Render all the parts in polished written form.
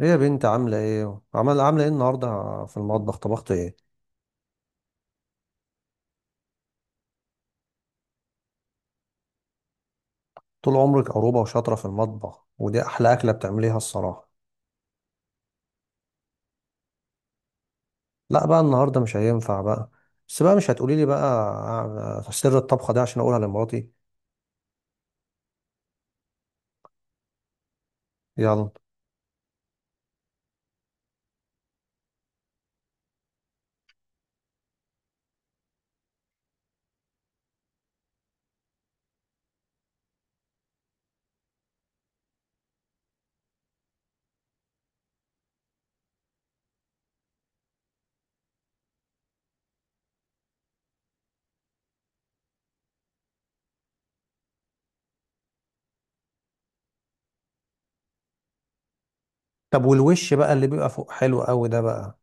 ايه يا بنت عاملة ايه؟ عاملة ايه النهاردة في المطبخ؟ طبخت ايه؟ طول عمرك عروبة وشاطرة في المطبخ ودي أحلى أكلة بتعمليها الصراحة. لا بقى النهاردة مش هينفع بقى. بس بقى مش هتقولي لي بقى سر الطبخة ده عشان أقولها لمراتي. يلا. طب والوش بقى اللي بيبقى فوق حلو قوي ده بقى،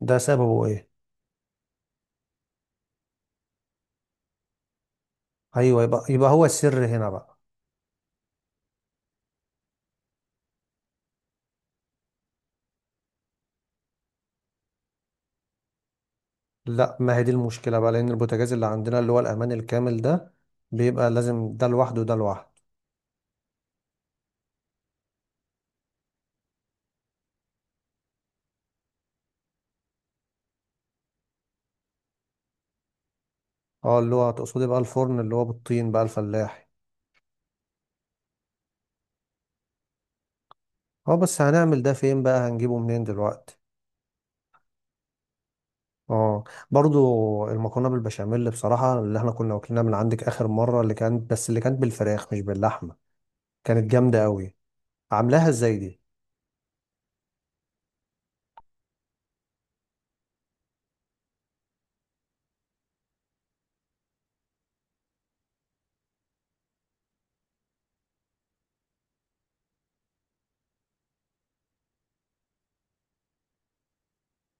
ده سببه ايه؟ أيوه، يبقى هو السر هنا بقى. لا، ما هي دي المشكلة بقى، لأن البوتاجاز اللي عندنا اللي هو الأمان الكامل ده بيبقى لازم ده لوحده وده لوحده. اه، اللي هو تقصدي بقى الفرن اللي هو بالطين بقى الفلاحي. اه بس هنعمل ده فين بقى، هنجيبه منين دلوقتي؟ اه. برضو المكرونه بالبشاميل بصراحه اللي احنا كنا واكلينها من عندك اخر مره، اللي كانت، بس اللي كانت بالفراخ مش باللحمه، كانت جامده قوي. عاملاها ازاي دي؟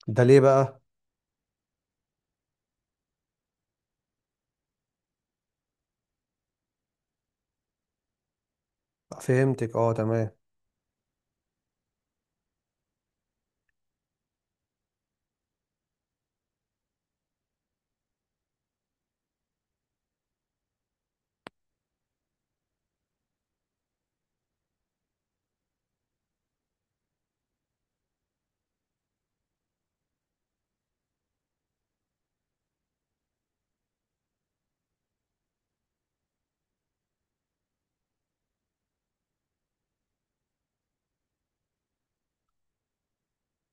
ده ليه بقى؟ فهمتك، اه تمام.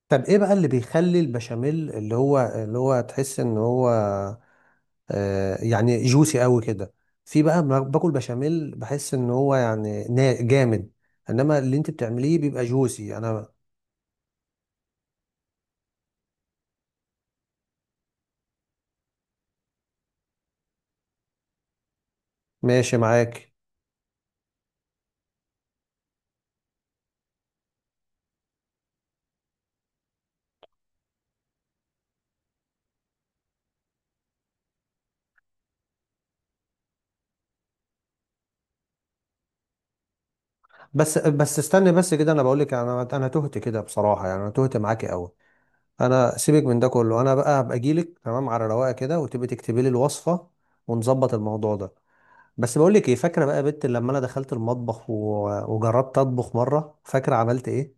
طب ايه بقى اللي بيخلي البشاميل اللي هو تحس ان هو آه يعني جوسي قوي كده؟ في بقى ما باكل بشاميل بحس ان هو يعني جامد، انما اللي انت بتعمليه بيبقى جوسي. انا ماشي معاك. بس استني بس كده، انا بقول لك، انا تهت كده بصراحه، يعني انا تهت معاكي قوي. انا سيبك من ده كله، انا بقى هبقى اجي لك تمام على رواقه كده وتبقي تكتبي لي الوصفه، ونظبط الموضوع ده. بس بقول لك ايه، فاكره بقى يا بت لما انا دخلت المطبخ وجربت اطبخ مره، فاكره عملت ايه؟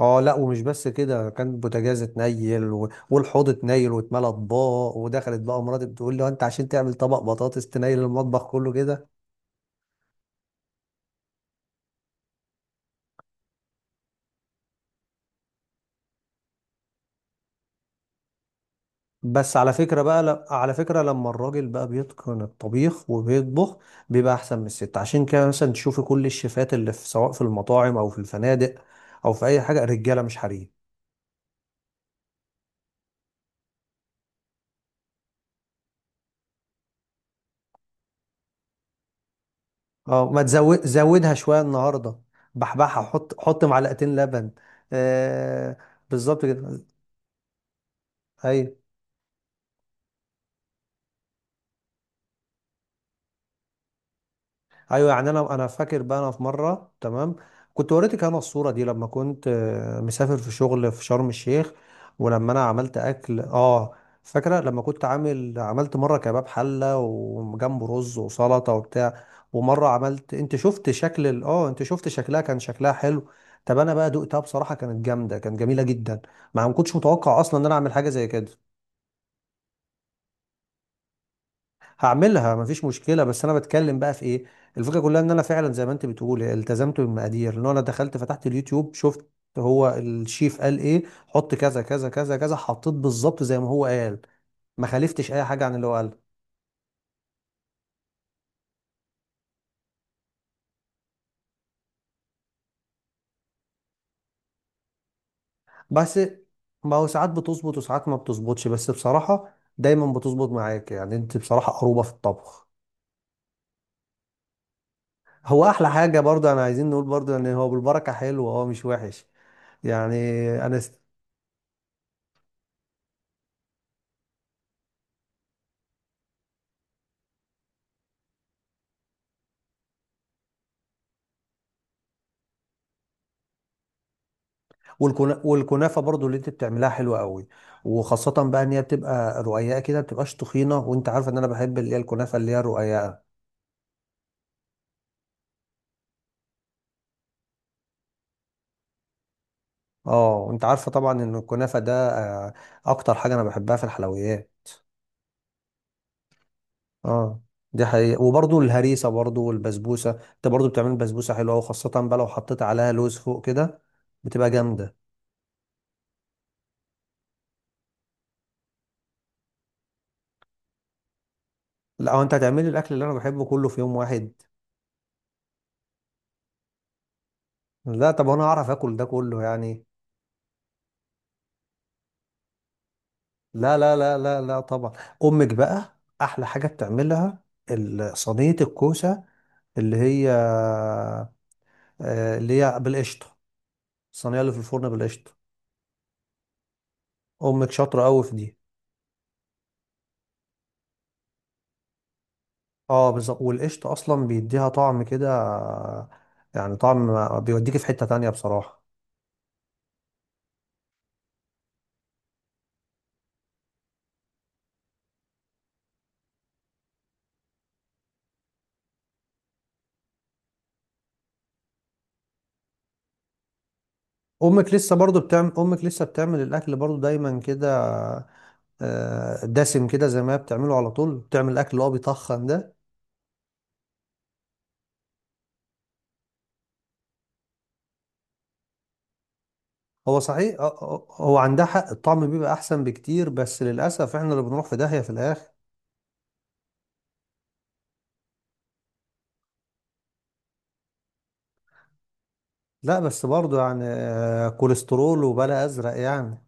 اه لا، ومش بس كده، كان البوتاجاز اتنيل والحوض اتنيل واتملى اطباق، ودخلت بقى مراتي بتقول لي: "هو انت عشان تعمل طبق بطاطس تنيل المطبخ كله كده؟" بس على فكرة بقى على فكرة لما الراجل بقى بيتقن الطبيخ وبيطبخ بيبقى أحسن من الست، عشان كده مثلا تشوفي كل الشيفات اللي في، سواء في المطاعم أو في الفنادق أو في أي حاجة، رجالة مش حريم. اه ما تزود، زودها شوية النهاردة، بحبحها، حط معلقتين لبن. آه. بالظبط كده. أيوه. ايوه يعني، انا فاكر بقى، انا في مره تمام كنت وريتك انا الصوره دي، لما كنت مسافر في شغل في شرم الشيخ، ولما انا عملت اكل اه، فاكره لما كنت عملت مره كباب حله وجنبه رز وسلطه وبتاع، ومره عملت، انت شفت شكل اه انت شفت شكلها، كان شكلها حلو. طب انا بقى دقتها بصراحه كانت جامده، كانت جميله جدا. ما كنتش متوقع اصلا ان انا اعمل حاجه زي كده. هعملها مفيش مشكله، بس انا بتكلم بقى في ايه، الفكره كلها ان انا فعلا زي ما انت بتقولي التزمت بالمقادير، ان انا دخلت فتحت اليوتيوب، شفت هو الشيف قال ايه، حط كذا كذا كذا كذا، حطيت بالظبط زي ما هو قال، ما خالفتش اي حاجه عن اللي هو قال. بس ما هو ساعات بتظبط وساعات ما بتظبطش، بس بصراحه دايما بتظبط معاك، يعني انت بصراحه قروبه في الطبخ. هو احلى حاجه برضه انا عايزين نقول برضه ان هو بالبركه حلو، هو مش وحش يعني. انا والكنافه برضو اللي انت بتعملها حلوه قوي، وخاصه بقى ان هي بتبقى رقيقه كده، ما بتبقاش تخينه، وانت عارفه ان انا بحب اللي هي الكنافه اللي هي الرقيقه. اه وانت عارفه طبعا ان الكنافه ده آه، اكتر حاجه انا بحبها في الحلويات. اه، دي حقيقة. وبرضو الهريسة برضو والبسبوسة، انت برضو بتعمل بسبوسة حلوة، وخاصة بقى لو حطيت عليها لوز فوق كده بتبقى جامدة. لا، هو انت هتعملي الاكل اللي انا بحبه كله في يوم واحد؟ لا طب انا اعرف اكل ده كله يعني؟ لا لا لا لا لا طبعا. امك بقى، احلى حاجه بتعملها صينيه الكوسه، اللي هي اللي هي بالقشطه، الصينيه اللي في الفرن بالقشطه، امك شاطره قوي في دي. اه بالظبط، والقشطه اصلا بيديها طعم كده، يعني طعم بيوديك في حته تانية بصراحه. امك لسه برضو بتعمل، امك لسه بتعمل الاكل برضو دايما كده، دسم كده، زي ما هي بتعمله على طول بتعمل الاكل اللي هو بيطخن ده. هو صحيح، هو عندها حق، الطعم بيبقى احسن بكتير، بس للاسف احنا اللي بنروح في داهية في الاخر. لا بس برضه يعني، كوليسترول وبلا ازرق يعني.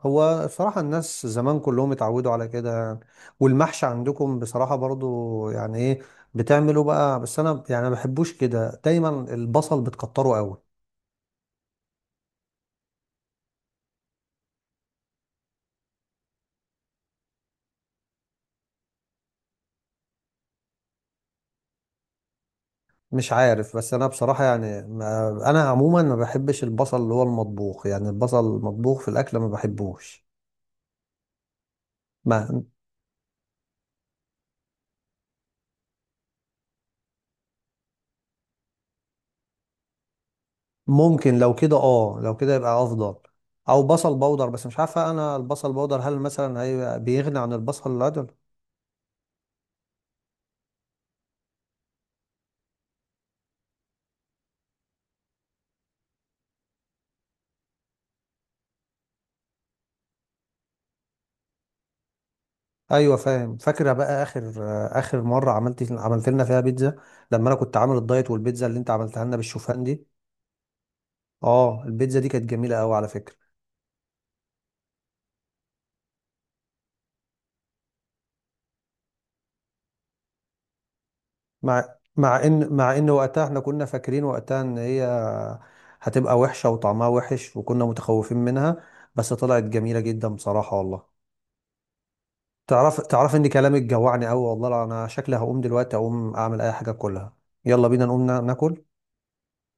هو بصراحة الناس زمان كلهم اتعودوا على كده يعني. والمحشي عندكم بصراحة برضه يعني ايه، بتعملوا بقى، بس انا يعني ما بحبوش كده، دايما البصل بتكتره قوي. مش عارف، بس انا بصراحة يعني انا عموما ما بحبش البصل اللي هو المطبوخ، يعني البصل المطبوخ في الاكل ما بحبوش. ما ممكن لو كده، اه لو كده يبقى افضل. او بصل بودر، بس مش عارفه انا البصل بودر هل مثلا هي بيغني عن البصل العادي؟ ايوه فاهم. فاكره بقى اخر، اخر مره عملت، عملت لنا فيها بيتزا، لما انا كنت عامل الدايت، والبيتزا اللي انت عملتها لنا بالشوفان دي، اه البيتزا دي كانت جميله قوي على فكره. مع ان وقتها احنا كنا فاكرين وقتها ان هي هتبقى وحشه وطعمها وحش، وكنا متخوفين منها، بس طلعت جميله جدا بصراحه والله. تعرف ان كلامك جوعني قوي والله، لا انا شكلي هقوم دلوقتي اقوم اعمل اي حاجه كلها. يلا بينا نقوم ناكل.